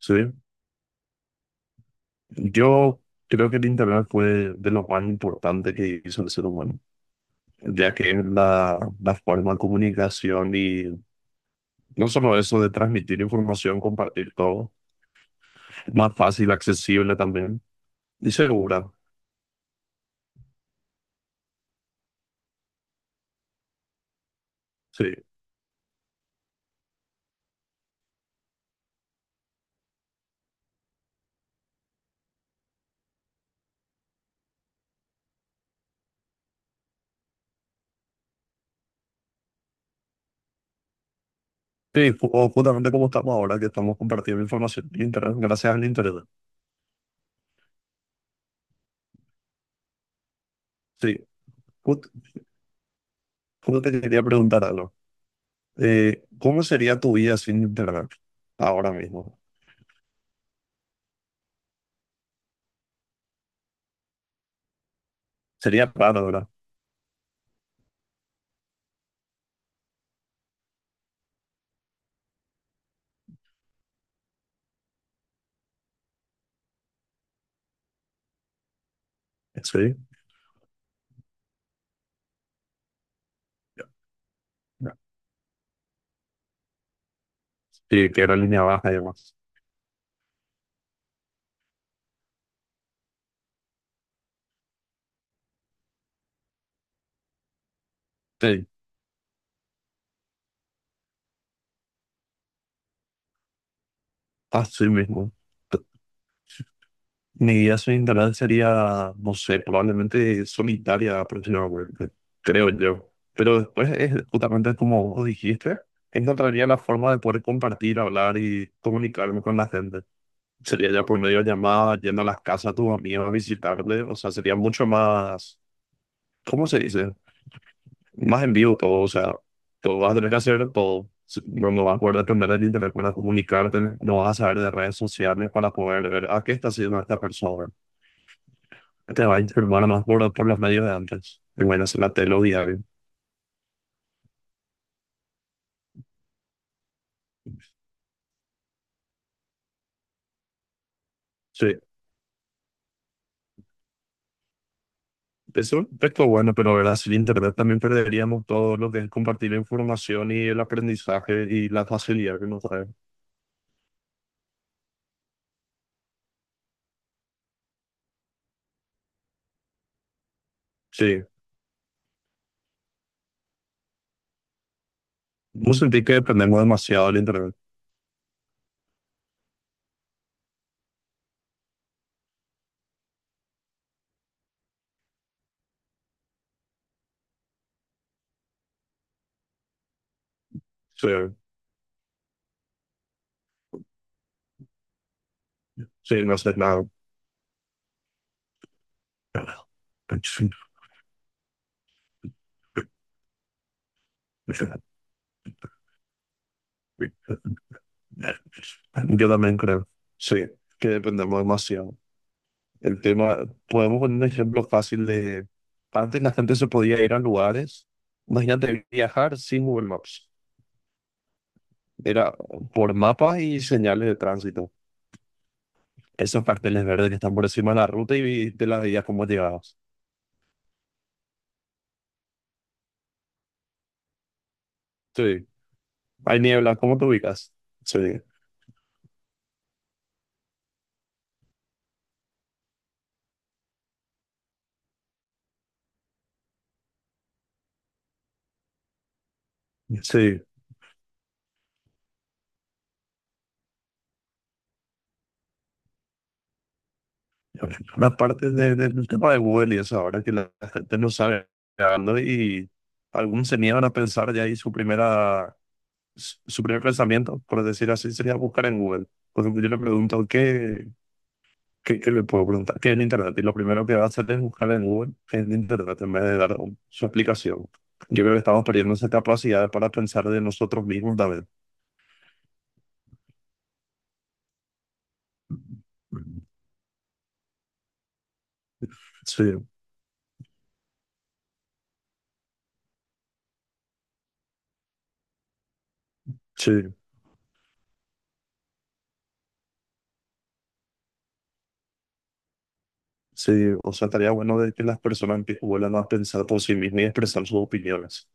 Sí, yo creo que el Internet fue de lo más importante que hizo el ser humano, ya que es la forma de comunicación y no solo eso de transmitir información, compartir todo, más fácil, accesible también y segura. Sí, sí, o justamente como estamos ahora, que estamos compartiendo información en Internet, gracias al Internet. Sí, justo te quería preguntar algo. ¿cómo sería tu vida sin Internet ahora mismo? Sería raro, ¿verdad? Sí. Sí, que era línea baja y demás. Sí, así mismo. P- Mi vida sin internet sería, no sé, probablemente solitaria aproximadamente, creo yo. Pero después es justamente como vos dijiste, encontraría la forma de poder compartir, hablar y comunicarme con la gente. Sería ya por medio de llamadas, yendo a las casas a tus amigos a visitarle, o sea, sería mucho más, ¿cómo se dice? Más en vivo todo, o sea, todo vas a tener que hacer todo. No, no vas a poder depender de internet para comunicarte, no vas a saber de redes sociales para poder ver a qué está haciendo esta persona. Te va a informar más por los medios de antes. Y bueno, hacer la tele o diario. Sí, eso es todo bueno, pero verdad, sin internet también perderíamos todo lo que es compartir la información y el aprendizaje y la facilidad que nos trae. Sí, no sentí que dependemos demasiado del internet. Sí, sí, no sé nada. Yo también creo, sí, que dependemos demasiado. El tema, podemos poner un ejemplo fácil de, antes la gente se podía ir a lugares, imagínate viajar sin Google Maps, era por mapas y señales de tránsito, esos carteles verdes que están por encima de la ruta y te las veías cómo llegabas. Sí, hay niebla, ¿cómo te ubicas? Sí, sí, una parte del tema de Google y eso, ahora que la gente no sabe, ¿no? Y algunos se niegan a pensar ya ahí su primera, su primer pensamiento, por decir así, sería buscar en Google. Por ejemplo, yo le pregunto, ¿qué le puedo preguntar? ¿Qué es en Internet? Y lo primero que va a hacer es buscar en Google, qué es en Internet, en vez de dar su explicación. Yo creo que estamos perdiendo esa capacidad para pensar de nosotros mismos también. Sí, sí. Sí, o sea, estaría bueno de que las personas vuelvan a pensar por sí mismas y expresar sus opiniones,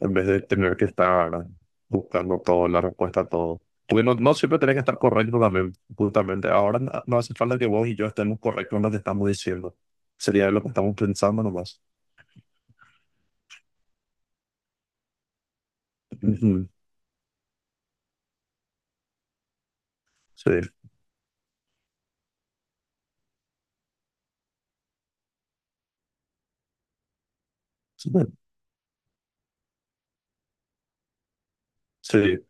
en vez de tener que estar buscando todo, la respuesta a todo. Porque no, no siempre tenés que estar correcto también, justamente. Ahora no, no hace falta que vos y yo estemos correctos en lo que estamos diciendo. Sería lo que estamos pensando nomás. Ujú. Sí, sí, sí,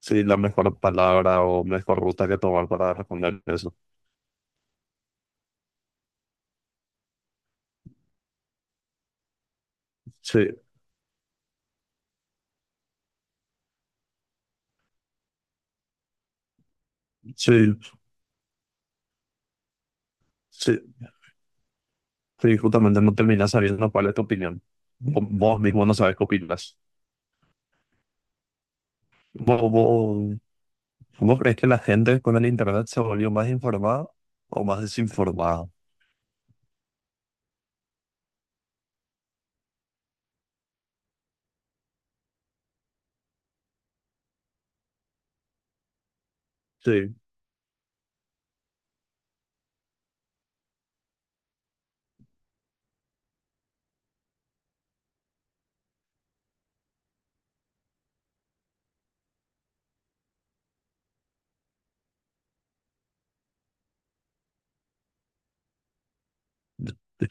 sí, la mejor palabra o mejor ruta que tomar para responder eso. Sí, sí, sí. Sí, justamente no terminas sabiendo cuál es tu opinión. Vos mismo no sabes qué opinas. ¿Vos, vos, vos crees que la gente con el internet se volvió más informada o más desinformada? Sí,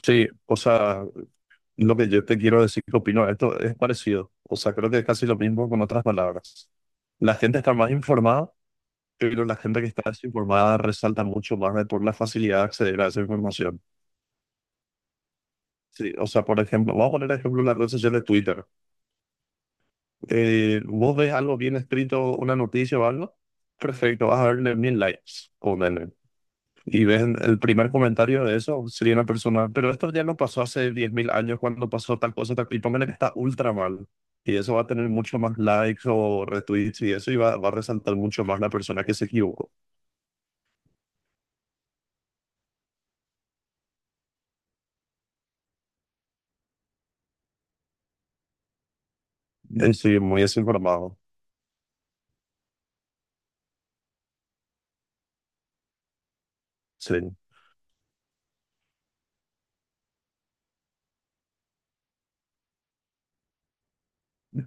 sí, o sea, lo que yo te quiero decir que opino de esto es parecido. O sea, creo que es casi lo mismo con otras palabras. La gente está más informada, pero la gente que está desinformada resalta mucho más por la facilidad de acceder a esa información. Sí, o sea, por ejemplo, vamos a poner el ejemplo de la red social de Twitter. Eh, vos ves algo bien escrito, una noticia o algo, perfecto, vas a verle 1000 likes, ponele. Y ves el primer comentario de eso, sería una persona, pero esto ya no pasó hace 10 000 años cuando pasó tal cosa, tal, y póngale que está ultra mal. Y eso va a tener mucho más likes o retweets y eso, y va, va a resaltar mucho más la persona que se equivocó. Sí, muy desinformado. Sí.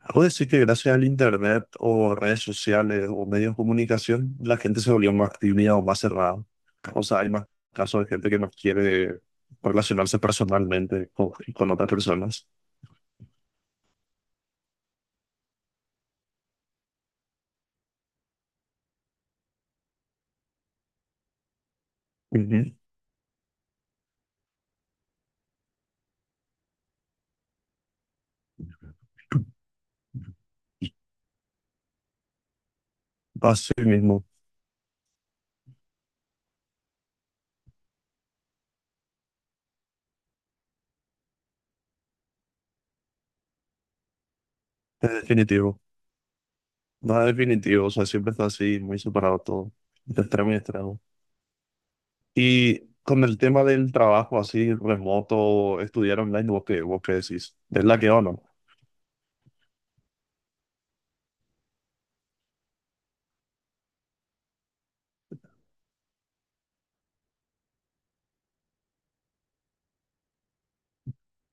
Algo decir que gracias al internet o redes sociales o medios de comunicación, la gente se volvió más tímida o más cerrada. O sea, hay más casos de gente que no quiere relacionarse personalmente con otras personas. Ujú. Así mismo, es definitivo. Nada definitivo, o sea, siempre está así, muy separado todo, de extremo y extremo. Y con el tema del trabajo así remoto, estudiar online, vos qué decís? ¿Es la que o no?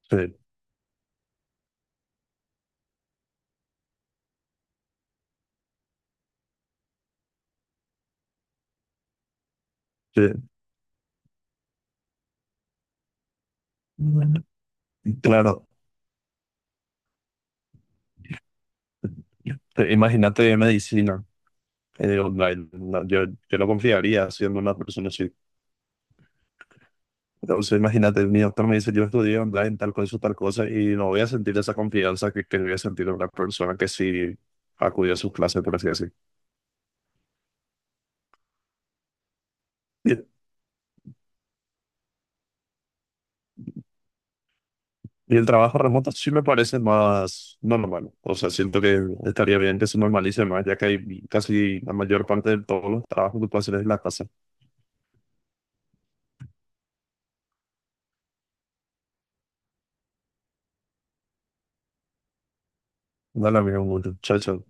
Sí, sí. Bueno. Claro, sí, imagínate medicina. Eh, online. No, yo no confiaría siendo una persona así. Entonces, imagínate, mi doctor me dice, yo estudié online tal cosa, y no voy a sentir esa confianza que voy a sentir una persona que sí acudió a sus clases, por así decir. Y, y el trabajo remoto sí me parece más normal. O sea, siento que estaría bien que se normalice más, ya que hay casi la mayor parte de todos los trabajos que puedo hacer en la casa. Dale, amigo, muchacho.